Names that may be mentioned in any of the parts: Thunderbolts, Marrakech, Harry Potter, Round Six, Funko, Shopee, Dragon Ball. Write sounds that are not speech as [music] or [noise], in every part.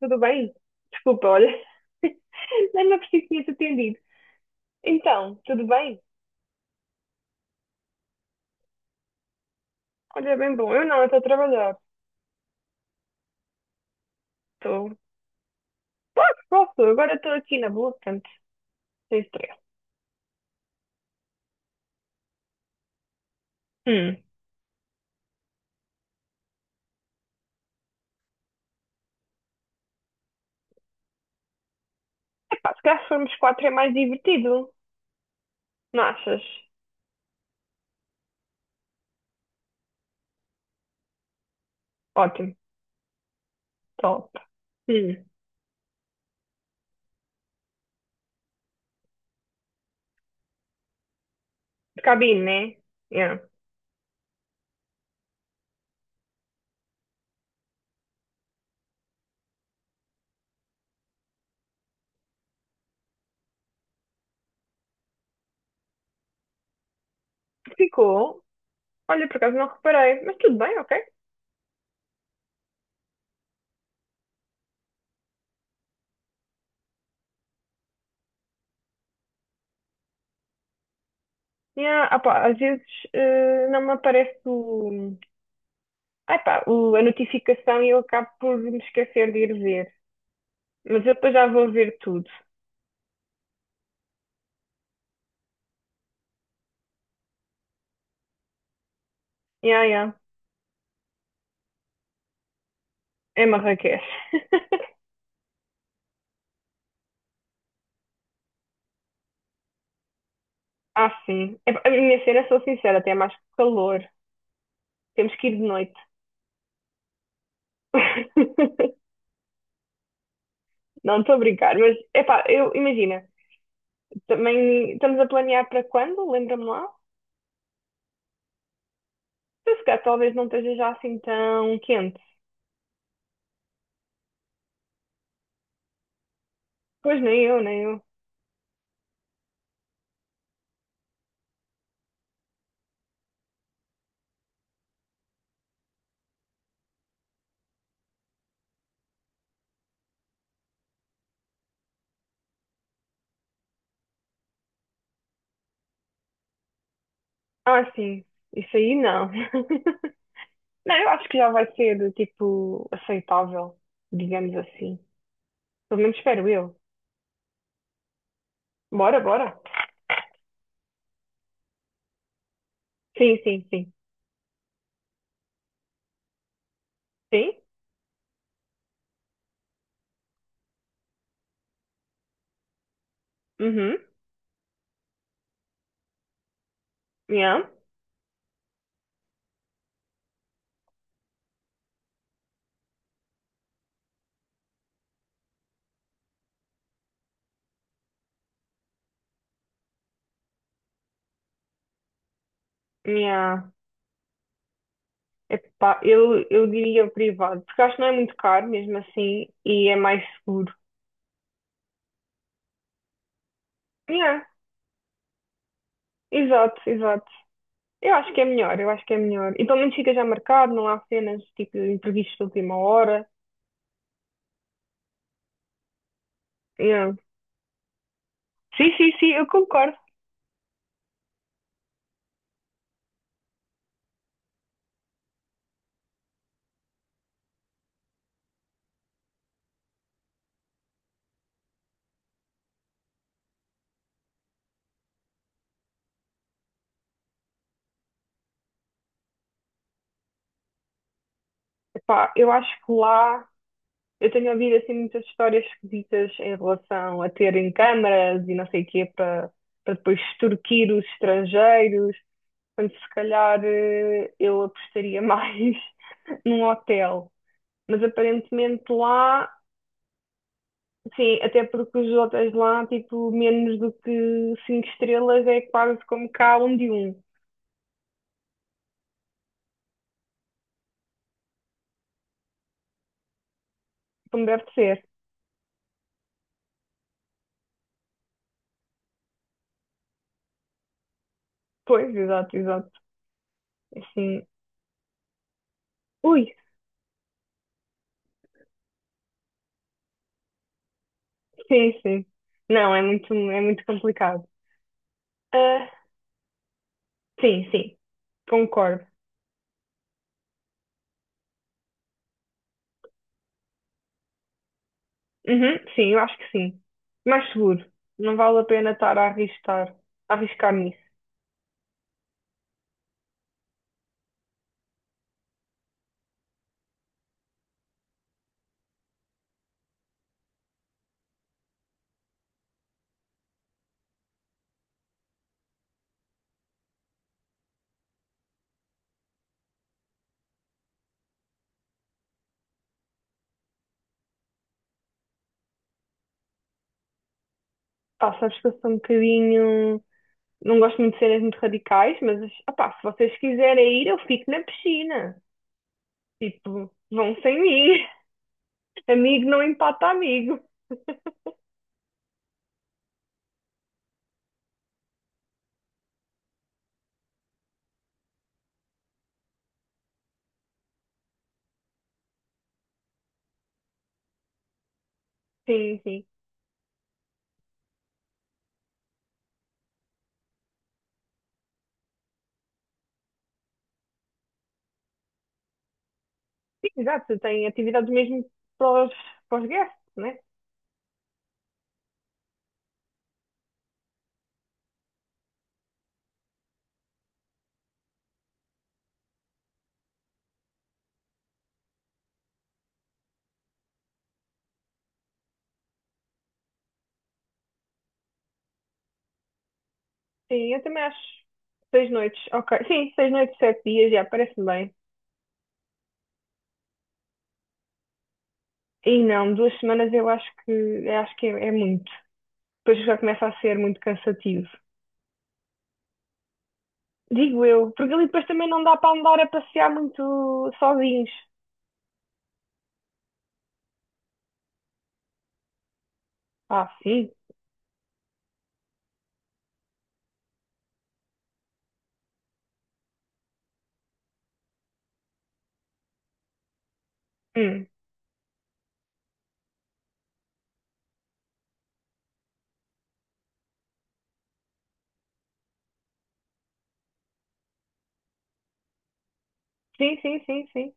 Tudo bem? Desculpa, olha, [laughs] nem me apercebi que tinha-te atendido. Então, tudo bem? Olha, é bem bom. Eu não, eu estou a trabalhar. Estou. Posso, posso. Agora estou aqui na boa, portanto, sem estresse. Hum. Epá, se calhar se formos quatro é mais divertido. Não achas? Ótimo. Top. Hum. De cabine, né? Yeah. Ficou. Olha, por acaso não reparei. Mas tudo bem, ok? Yeah. Ah, pá, às vezes não me aparece. Ah, pá, a notificação e eu acabo por me esquecer de ir ver. Mas eu depois já vou ver tudo. Ya, ya. É Marrakech. [laughs] Ah, sim. É, a minha cena, sou sincera, tem mais calor. Temos que ir de noite. [laughs] Não estou a brincar, mas é pá, eu imagina, também estamos a planear para quando? Lembra-me lá? Então, se calhar talvez não esteja já assim tão quente. Pois nem eu, nem eu. Ah, sim, isso aí não. [laughs] Não, eu acho que já vai ser tipo aceitável, digamos assim. Pelo menos espero eu. Bora, bora. Sim, sim, sim. Sim? Uhum. Yeah. Yeah. Epá, eu diria privado, porque acho que não é muito caro mesmo assim e é mais seguro. Yeah. Exato, exato. Eu acho que é melhor, eu acho que é melhor. E pelo menos fica já marcado, não há cenas tipo imprevistos de última hora. Yeah. Sim, sim, sim, eu concordo. Epá, eu acho que lá eu tenho ouvido assim muitas histórias esquisitas em relação a terem câmaras e não sei o quê para depois extorquir os estrangeiros. Portanto, se calhar eu apostaria mais [laughs] num hotel. Mas aparentemente lá, sim, até porque os hotéis lá, tipo, menos do que 5 estrelas é quase como cá um de um, como deve ser. Pois, exato, exato. Assim, ui, sim, sim. Não, é muito complicado. Ah, sim, sim, concordo. Uhum, sim, eu acho que sim. Mais seguro. Não vale a pena estar a arriscar nisso. Pá, sabes que eu sou um bocadinho. Não gosto muito de cenas muito radicais, mas opá, se vocês quiserem ir, eu fico na piscina. Tipo, vão sem mim. [laughs] Amigo não empata amigo. Sim, sim. Sim, exato. Tem atividades mesmo para os, para os guests, né? Sim, eu também acho. 6 noites, ok. Sim, 6 noites, 7 dias, já parece-me bem. E não, 2 semanas eu acho que é muito. Depois já começa a ser muito cansativo. Digo eu, porque ali depois também não dá para andar a passear muito sozinhos. Ah, sim. Hum. Sim, sim, sim, sim.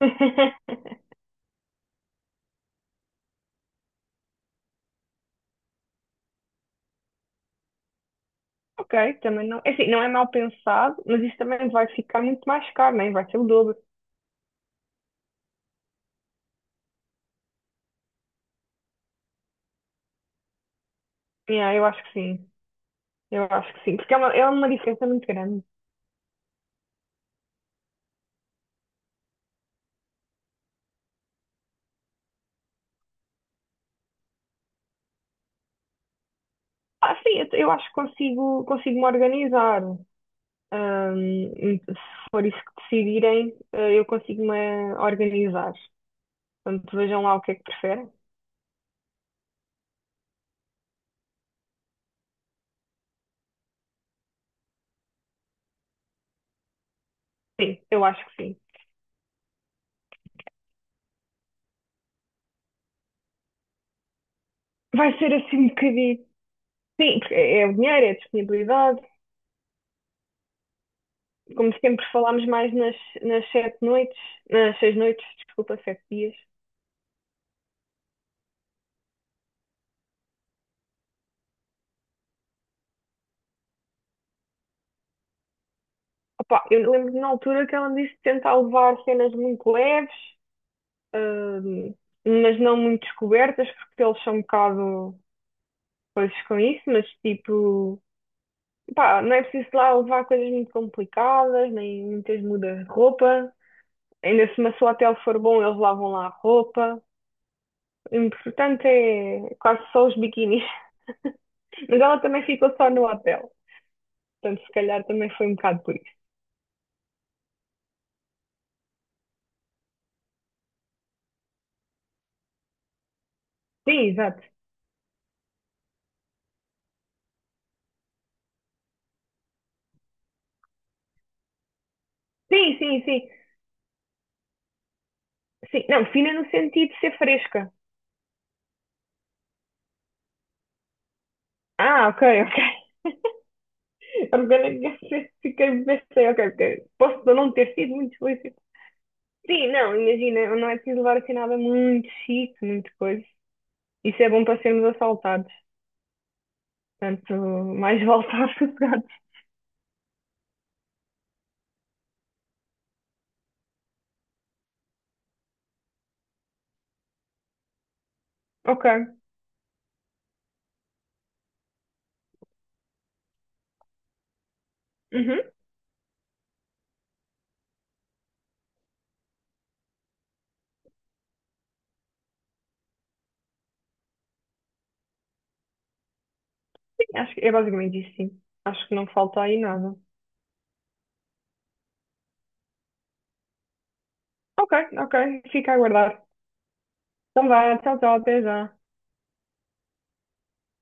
[laughs] Ok, também não é assim, não é mal pensado, mas isso também vai ficar muito mais caro, né? Vai ser o dobro. Yeah, eu acho que sim. Eu acho que sim. Porque é uma diferença muito grande. Ah, sim, eu acho que consigo me organizar. Ahm, se for isso que decidirem, eu consigo me organizar. Portanto, vejam lá o que é que preferem. Sim, eu acho que sim. Vai ser assim um bocadinho. Sim, porque é o dinheiro, é a disponibilidade, como sempre falámos mais nas 7 noites, nas 6 noites, desculpa, 7 dias. Opa, eu lembro que na altura que ela me disse tentar levar cenas muito leves, hum, mas não muito descobertas, porque eles são um bocado coisas com isso, mas tipo, pá, não é preciso lá levar coisas muito complicadas, nem muitas mudas de roupa. Ainda se o seu hotel for bom, eles lavam lá a roupa. O importante é quase só os biquínis. [laughs] Mas ela também ficou só no hotel. Portanto, se calhar também foi um bocado por isso. Sim, exato. Sim, sim, sim. Sim, não, fina no sentido de ser fresca. Ah, ok, [laughs] ok. Orgânica, fiquei, pensei, ok, ok. Posso não ter sido muito explícito. Sim, não, imagina, não é preciso levar assim nada muito chique, muito coisa. Isso é bom para sermos assaltados. Portanto, mais vale estar [laughs] sossegados. Ok. Uhum, sim, acho que é basicamente isso, sim. Acho que não falta aí nada. Ok, ok. Fica a aguardar. Então vá, tchau, tchau, até já.